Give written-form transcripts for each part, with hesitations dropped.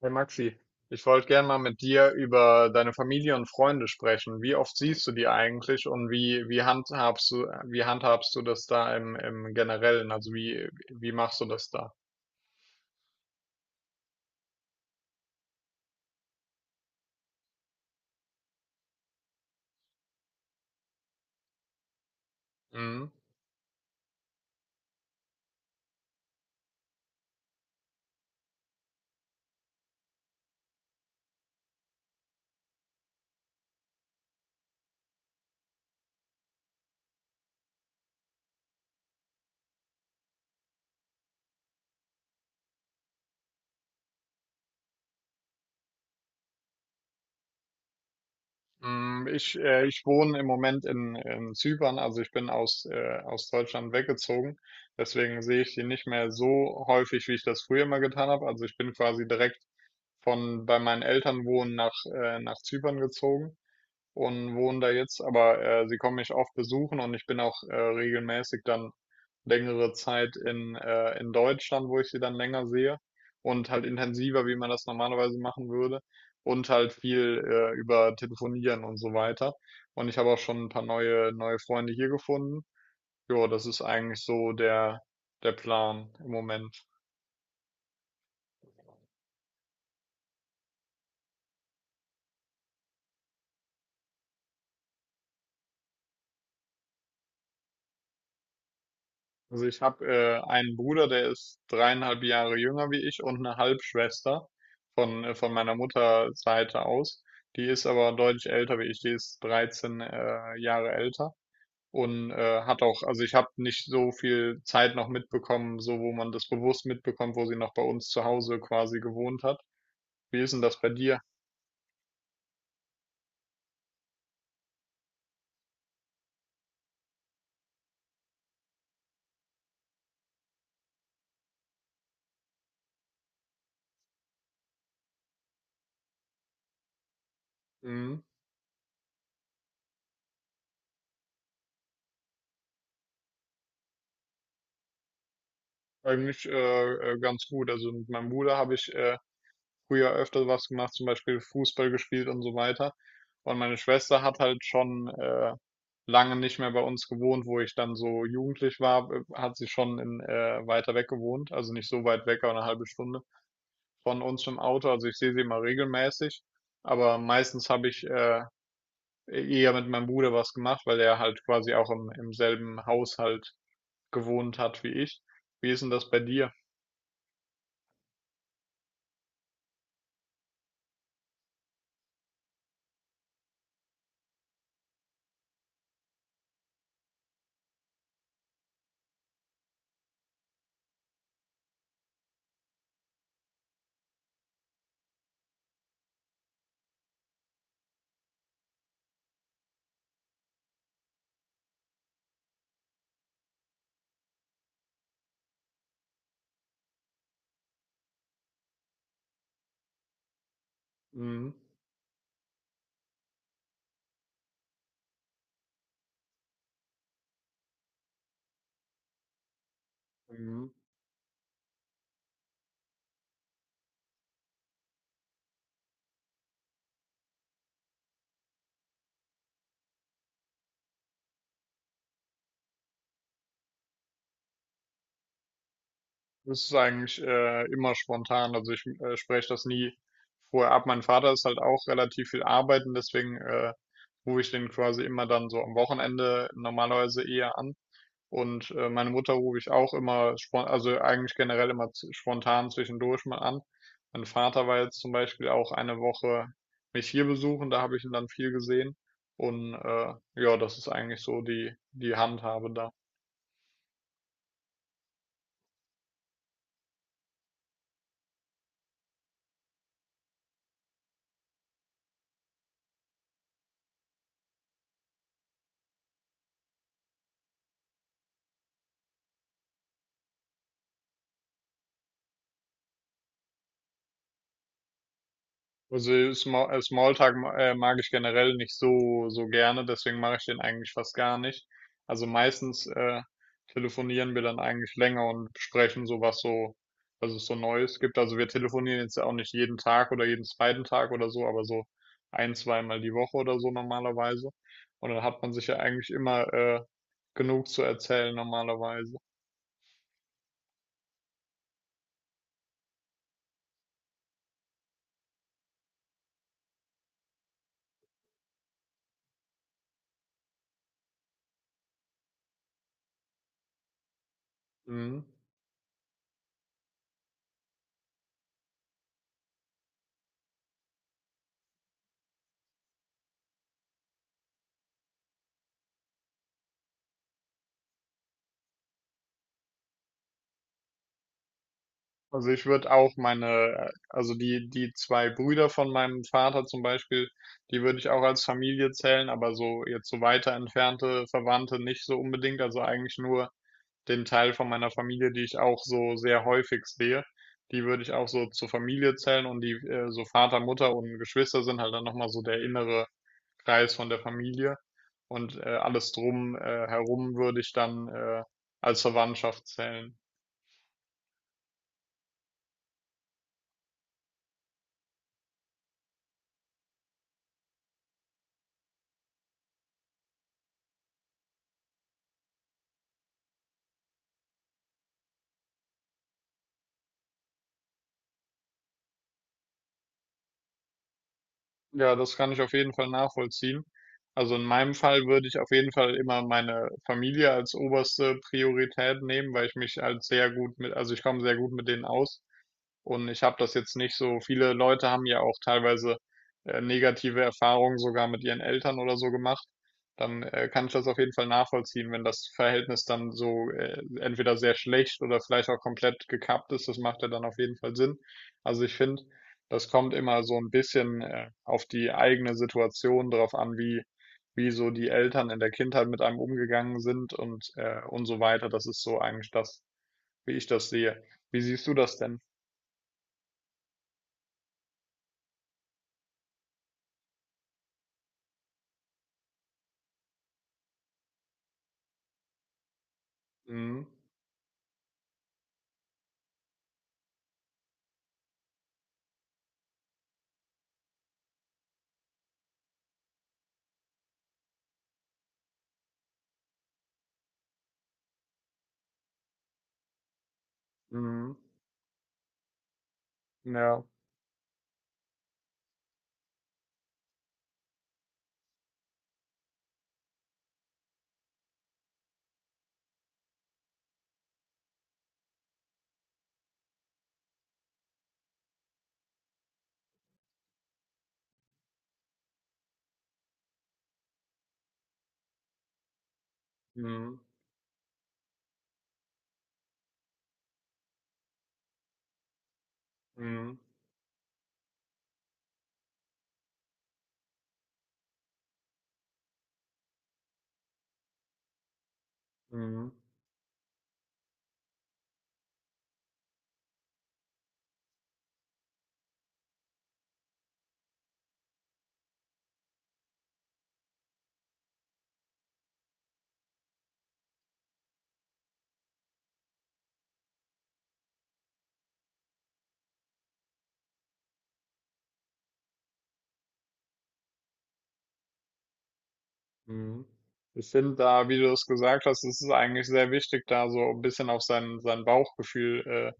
Hey Maxi, ich wollte gerne mal mit dir über deine Familie und Freunde sprechen. Wie oft siehst du die eigentlich und wie handhabst du das da im Generellen? Also wie machst du das da? Mhm. Ich wohne im Moment in Zypern, also ich bin aus Deutschland weggezogen. Deswegen sehe ich die nicht mehr so häufig, wie ich das früher mal getan habe. Also ich bin quasi direkt von bei meinen Eltern wohnen nach Zypern gezogen und wohne da jetzt, aber sie kommen mich oft besuchen und ich bin auch regelmäßig dann längere Zeit in Deutschland, wo ich sie dann länger sehe und halt intensiver, wie man das normalerweise machen würde, und halt viel über Telefonieren und so weiter. Und ich habe auch schon ein paar neue Freunde hier gefunden. Ja, das ist eigentlich so der Plan im Moment. Also ich habe einen Bruder, der ist dreieinhalb Jahre jünger wie ich, und eine Halbschwester von meiner Mutterseite aus. Die ist aber deutlich älter wie ich, die ist 13 Jahre älter und hat auch, also ich habe nicht so viel Zeit noch mitbekommen, so wo man das bewusst mitbekommt, wo sie noch bei uns zu Hause quasi gewohnt hat. Wie ist denn das bei dir? Mhm. Eigentlich Ganz gut. Also mit meinem Bruder habe ich früher öfter was gemacht, zum Beispiel Fußball gespielt und so weiter. Und meine Schwester hat halt schon lange nicht mehr bei uns gewohnt, wo ich dann so jugendlich war, hat sie schon weiter weg gewohnt, also nicht so weit weg, aber eine halbe Stunde von uns im Auto. Also ich sehe sie immer regelmäßig, aber meistens habe ich eher mit meinem Bruder was gemacht, weil er halt quasi auch im selben Haushalt gewohnt hat wie ich. Wie ist denn das bei dir? Mhm. Das ist eigentlich immer spontan. Also ich spreche das nie vorher ab. Mein Vater ist halt auch relativ viel arbeiten, deswegen rufe ich den quasi immer dann so am Wochenende normalerweise eher an. Und meine Mutter rufe ich auch immer spon also eigentlich generell immer spontan zwischendurch mal an. Mein Vater war jetzt zum Beispiel auch eine Woche mich hier besuchen, da habe ich ihn dann viel gesehen. Und ja, das ist eigentlich so die Handhabe da. Smalltalk mag ich generell nicht so gerne, deswegen mache ich den eigentlich fast gar nicht. Also meistens telefonieren wir dann eigentlich länger und besprechen so, was es so Neues gibt. Also wir telefonieren jetzt auch nicht jeden Tag oder jeden zweiten Tag oder so, aber so ein, zweimal die Woche oder so normalerweise. Und dann hat man sich ja eigentlich immer genug zu erzählen normalerweise. Mhm. Also ich würde auch meine, also die, die zwei Brüder von meinem Vater zum Beispiel, die würde ich auch als Familie zählen, aber so jetzt so weiter entfernte Verwandte nicht so unbedingt. Also eigentlich nur den Teil von meiner Familie, die ich auch so sehr häufig sehe, die würde ich auch so zur Familie zählen, und die so Vater, Mutter und Geschwister sind halt dann nochmal so der innere Kreis von der Familie, und alles drum herum würde ich dann als Verwandtschaft zählen. Ja, das kann ich auf jeden Fall nachvollziehen. Also in meinem Fall würde ich auf jeden Fall immer meine Familie als oberste Priorität nehmen, weil ich mich als sehr gut mit, also ich komme sehr gut mit denen aus. Und ich habe das jetzt nicht so, viele Leute haben ja auch teilweise negative Erfahrungen sogar mit ihren Eltern oder so gemacht. Dann kann ich das auf jeden Fall nachvollziehen, wenn das Verhältnis dann so entweder sehr schlecht oder vielleicht auch komplett gekappt ist. Das macht ja dann auf jeden Fall Sinn. Also ich finde, das kommt immer so ein bisschen auf die eigene Situation drauf an, wie so die Eltern in der Kindheit mit einem umgegangen sind und so weiter. Das ist so eigentlich das, wie ich das sehe. Wie siehst du das denn? Mhm. Mhm. Ja. Mhm. Mhm. Mhm. Mhm. Ich finde da, wie du es gesagt hast, es ist eigentlich sehr wichtig, da so ein bisschen auf sein Bauchgefühl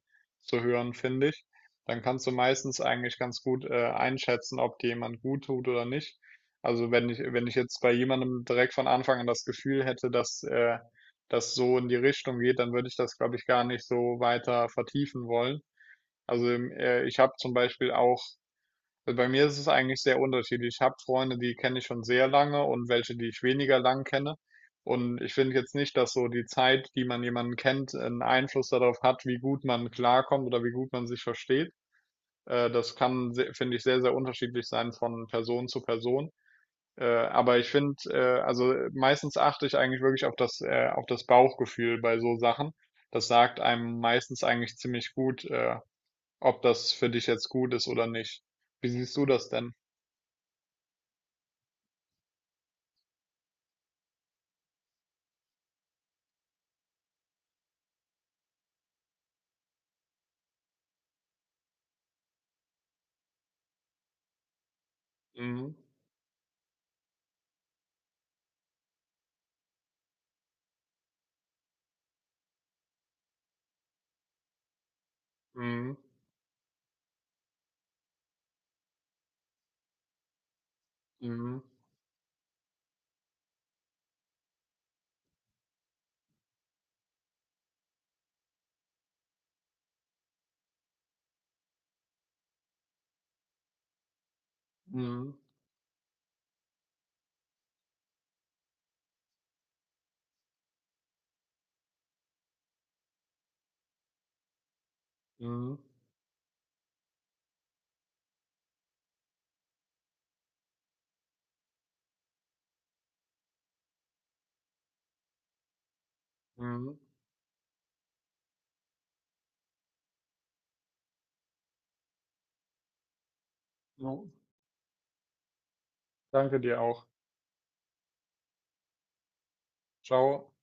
zu hören, finde ich. Dann kannst du meistens eigentlich ganz gut einschätzen, ob dir jemand gut tut oder nicht. Also wenn ich jetzt bei jemandem direkt von Anfang an das Gefühl hätte, dass das so in die Richtung geht, dann würde ich das, glaube ich, gar nicht so weiter vertiefen wollen. Also ich habe zum Beispiel auch Bei mir ist es eigentlich sehr unterschiedlich. Ich habe Freunde, die kenne ich schon sehr lange, und welche, die ich weniger lang kenne. Und ich finde jetzt nicht, dass so die Zeit, die man jemanden kennt, einen Einfluss darauf hat, wie gut man klarkommt oder wie gut man sich versteht. Das kann, finde ich, sehr unterschiedlich sein von Person zu Person. Aber ich finde, meistens achte ich eigentlich wirklich auf auf das Bauchgefühl bei so Sachen. Das sagt einem meistens eigentlich ziemlich gut, ob das für dich jetzt gut ist oder nicht. Wie siehst du das denn? Mhm. Mhm. Mhm. Mhm. Mhm. Mhm. Jo, danke dir auch. Ciao.